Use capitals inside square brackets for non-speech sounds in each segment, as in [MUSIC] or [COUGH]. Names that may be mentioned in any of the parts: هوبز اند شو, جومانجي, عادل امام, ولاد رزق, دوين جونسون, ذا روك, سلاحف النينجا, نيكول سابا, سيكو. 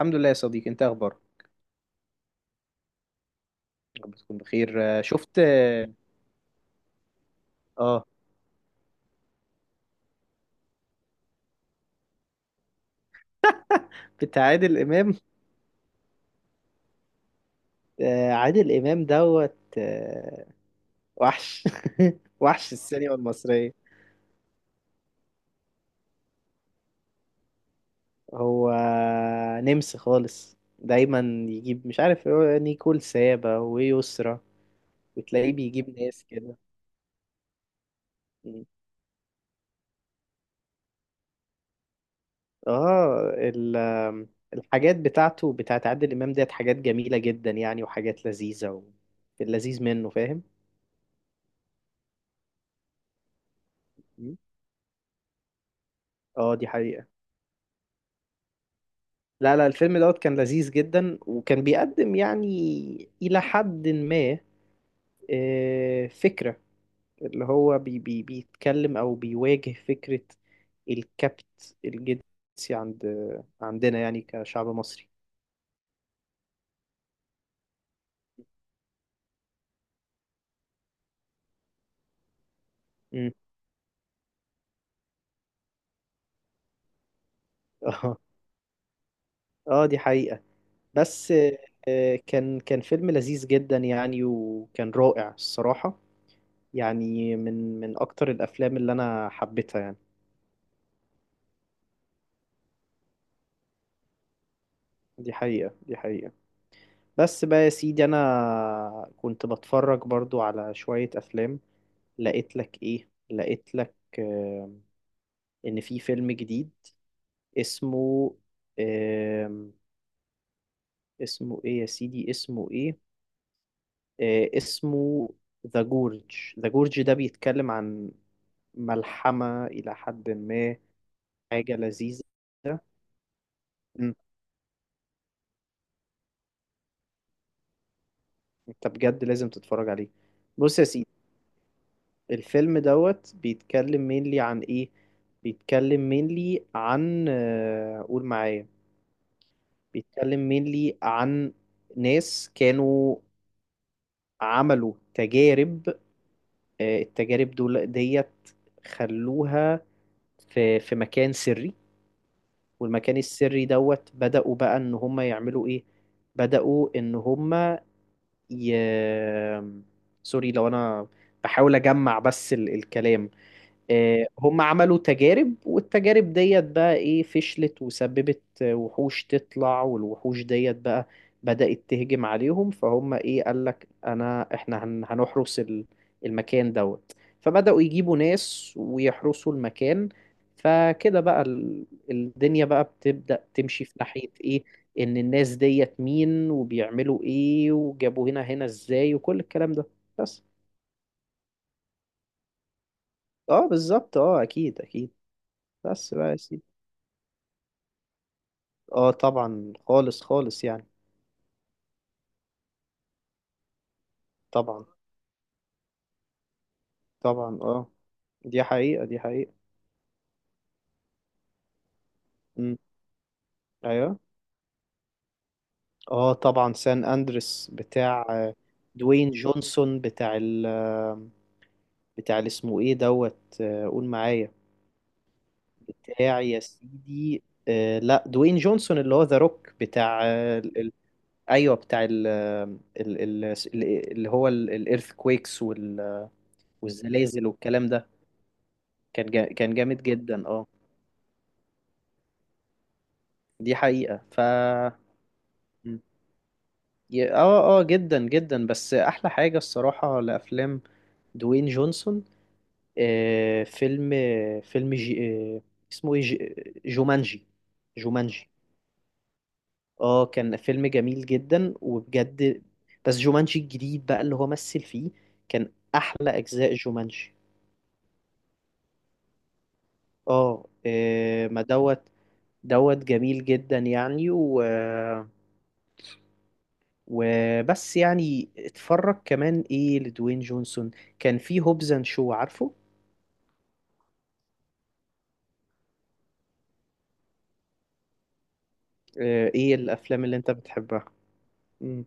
الحمد لله يا صديقي، انت اخبارك؟ يا رب تكون بخير. شفت آه، بتاع عادل امام. عادل امام دوت وحش. [LAUGHS] وحش السينما المصريه. هو نمس خالص دايما، يجيب مش عارف هو نيكول سابا ويسرا، وتلاقيه بيجيب ناس كده. اه ال- آم، الحاجات بتاعته بتاعت عادل امام ديت حاجات جميله جدا يعني، وحاجات لذيذه و... اللذيذ منه، فاهم. اه دي حقيقة. لا، لا، الفيلم دوت كان لذيذ جدا، وكان بيقدم يعني إلى حد ما فكرة اللي هو بي بي بيتكلم أو بيواجه فكرة الكبت الجنسي عند عندنا يعني كشعب مصري. مم. [LAUGHS] اه. اه دي حقيقة. بس كان فيلم لذيذ جدا يعني، وكان رائع الصراحة. يعني من أكتر الأفلام اللي أنا حبيتها يعني. دي حقيقة، دي حقيقة. بس بقى يا سيدي، انا كنت بتفرج برضو على شوية افلام. لقيت لك ايه، لقيت لك ان في فيلم جديد اسمه آم، اسمه ايه يا سيدي، اسمه ايه؟ اسمه ذا جورج. ذا جورج ده بيتكلم عن ملحمة الى حد ما، حاجة لذيذة. مم، انت بجد لازم تتفرج عليه. بص يا سيدي، الفيلم دوت بيتكلم مينلي عن ايه؟ بيتكلم مينلي عن قول معايا. بيتكلم مينلي عن ناس كانوا عملوا تجارب. التجارب دول ديت خلوها في مكان سري. والمكان السري دوت بدأوا بقى ان هم يعملوا ايه، بدأوا ان هم ي... سوري لو انا بحاول اجمع بس الكلام. هم عملوا تجارب، والتجارب ديت بقى ايه، فشلت وسببت وحوش تطلع، والوحوش ديت بقى بدأت تهجم عليهم. فهم ايه، قال لك انا احنا هنحرس المكان دوت. فبدأوا يجيبوا ناس ويحرسوا المكان. فكده بقى الدنيا بقى بتبدأ تمشي في ناحية ايه، ان الناس ديت مين، وبيعملوا ايه، وجابوا هنا ازاي، وكل الكلام ده. بس. اه بالظبط، اه اكيد اكيد. بس بقى يا سيدي. اه طبعا خالص خالص يعني. طبعا. طبعا، اه. دي حقيقة، دي حقيقة. امم. ايوه. اه طبعا سان اندريس بتاع دوين جونسون، بتاع ال بتاع اللي اسمه ايه دوت، قول معايا. بتاع يا سيدي لا دوين جونسون اللي هو ذا روك، بتاع ايوه، بتاع ال ال- ال- اللي هو الايرث كويكس وال... والزلازل والكلام ده. كان جامد جدا. اه دي حقيقة. اه اه جدا جدا، بس احلى حاجة الصراحة لافلام دوين جونسون. آه فيلم فيلم آه اسمه ايه؟ جومانجي. جومانجي، اه كان فيلم جميل جدا وبجد. بس جومانجي الجديد بقى اللي هو مثل فيه، كان احلى اجزاء جومانجي. اه، ما دوت، دوت جميل جدا يعني و وبس يعني اتفرج كمان ايه لدوين جونسون. كان في هوبز اند شو، عارفه؟ ايه الافلام اللي انت بتحبها؟ مم.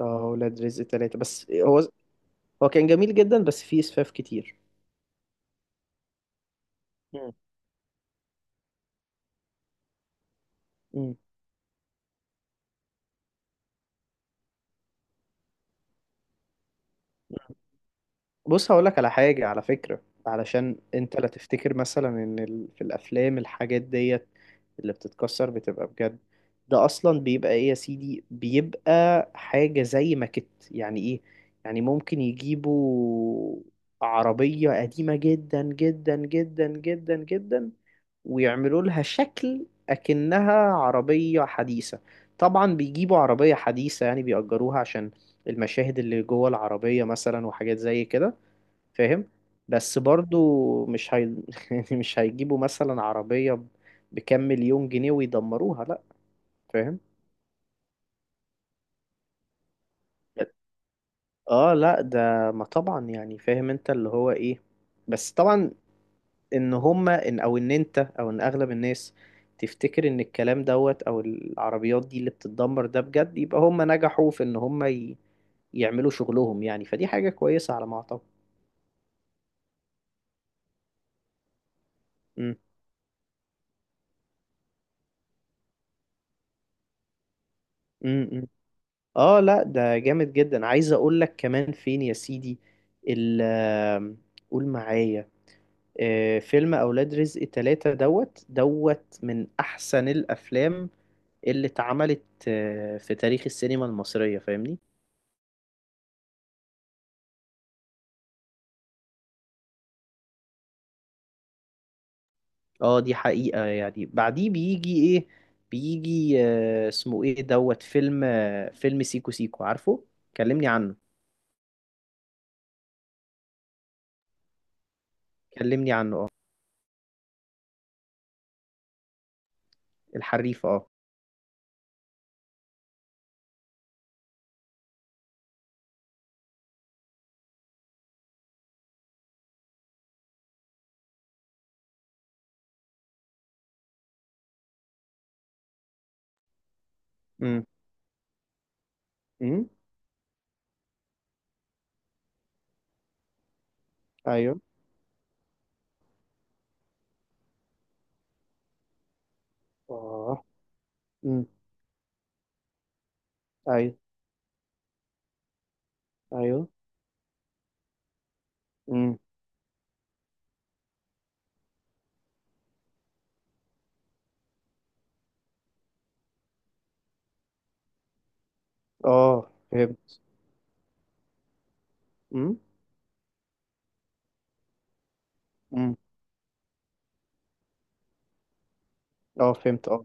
اه ولاد رزق ثلاثة، بس هو هو كان جميل جدا بس فيه اسفاف كتير. مم. مم. بص هقولك على حاجة، على فكرة، علشان انت لا تفتكر مثلا ان ال... في الافلام الحاجات ديت اللي بتتكسر بتبقى بجد. ده اصلا بيبقى ايه يا سيدي، بيبقى حاجة زي ماكت، يعني ايه، يعني ممكن يجيبوا عربية قديمة جدا جدا جدا جدا جدا، ويعملوا لها شكل أكنها عربية حديثة. طبعا بيجيبوا عربية حديثة، يعني بيأجروها عشان المشاهد اللي جوه العربية مثلا، وحاجات زي كده، فاهم. بس برضو مش هي... [LAUGHS] يعني مش هيجيبوا مثلا عربية بكام مليون جنيه ويدمروها، لأ. فاهم. اه لا ده، ما طبعا يعني فاهم، انت اللي هو ايه. بس طبعا ان هما ان او ان انت او ان اغلب الناس تفتكر ان الكلام دوت او العربيات دي اللي بتتدمر ده بجد، يبقى هما نجحوا في ان هما ي... يعملوا شغلهم يعني، فدي حاجة كويسة على ما اعتقد. امم إمم. اه لا ده جامد جدا. عايز اقول لك كمان فين يا سيدي ال آم، قول معايا. فيلم اولاد رزق تلاتة دوت دوت من احسن الافلام اللي اتعملت في تاريخ السينما المصرية، فاهمني. اه دي حقيقة، يعني بعديه بيجي ايه؟ بيجي اسمه ايه دوت فيلم فيلم سيكو سيكو، عارفه؟ كلمني عنه. كلمني عنه، اه. الحريف، اه. امم. امم. ايوه. اه. امم. ايوه. ايوه. امم. اه فهمت. امم. امم. اه فهمت، اه.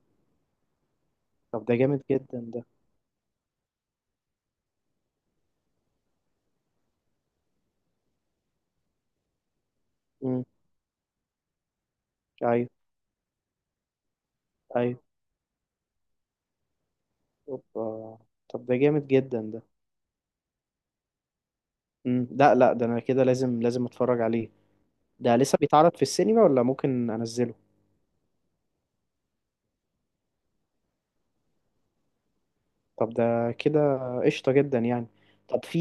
طب ده جامد جدا، ده. امم. ايوه. ايوه. اوبا. طب ده جامد جدا ده. امم، لا، لا، ده انا كده لازم لازم اتفرج عليه. ده لسه بيتعرض في السينما، ولا ممكن انزله؟ طب ده كده قشطة جدا يعني. طب في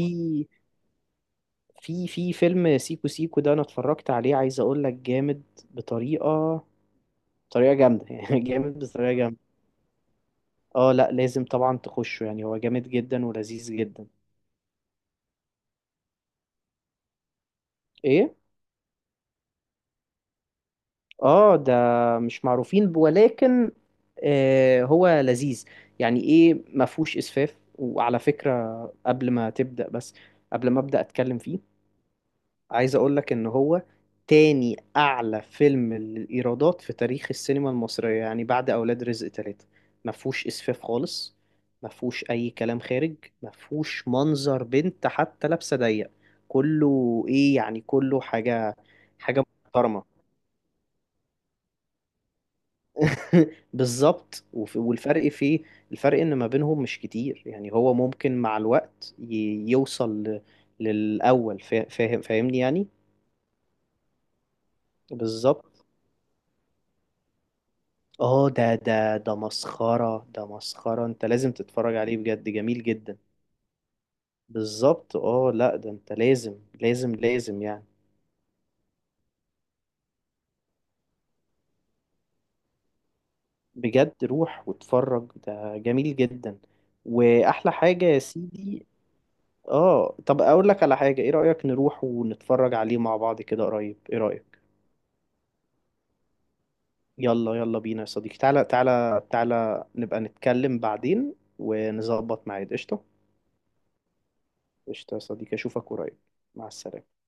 في فيلم سيكو سيكو ده انا اتفرجت عليه، عايز اقول لك جامد بطريقة، بطريقة جامدة. [LAUGHS] يعني جامد بطريقة جامدة. اه لا لازم طبعا تخشه، يعني هو جامد جدا ولذيذ جدا. ايه. اه ده مش معروفين ولكن هو لذيذ. يعني ايه، ما فيهوش اسفاف، وعلى فكرة قبل ما تبدأ، بس قبل ما ابدأ اتكلم فيه، عايز اقول لك ان هو تاني اعلى فيلم للايرادات في تاريخ السينما المصرية، يعني بعد اولاد رزق تلاتة. ما فيهوش اسفاف خالص. ما فيهوش اي كلام خارج. ما فيهوش منظر بنت حتى لابسة ضيق. كله ايه، يعني كله حاجة، حاجة محترمة. [LAUGHS] بالظبط، والفرق فيه، الفرق ان ما بينهم مش كتير، يعني هو ممكن مع الوقت يوصل للاول، فاهم فاهمني يعني. بالظبط، اه ده مسخرة، ده مسخرة، انت لازم تتفرج عليه بجد، جميل جدا. بالظبط، اه لا ده انت لازم لازم لازم يعني. بجد روح واتفرج، ده جميل جدا. واحلى حاجة يا سيدي، اه طب اقول لك على حاجة، ايه رأيك نروح ونتفرج عليه مع بعض كده قريب؟ ايه رأيك؟ يلا يلا بينا يا صديقي، تعالى تعالى تعالى نبقى نتكلم بعدين ونظبط ميعاد، قشطة. قشطة يا صديقي، اشوفك قريب. مع السلامة.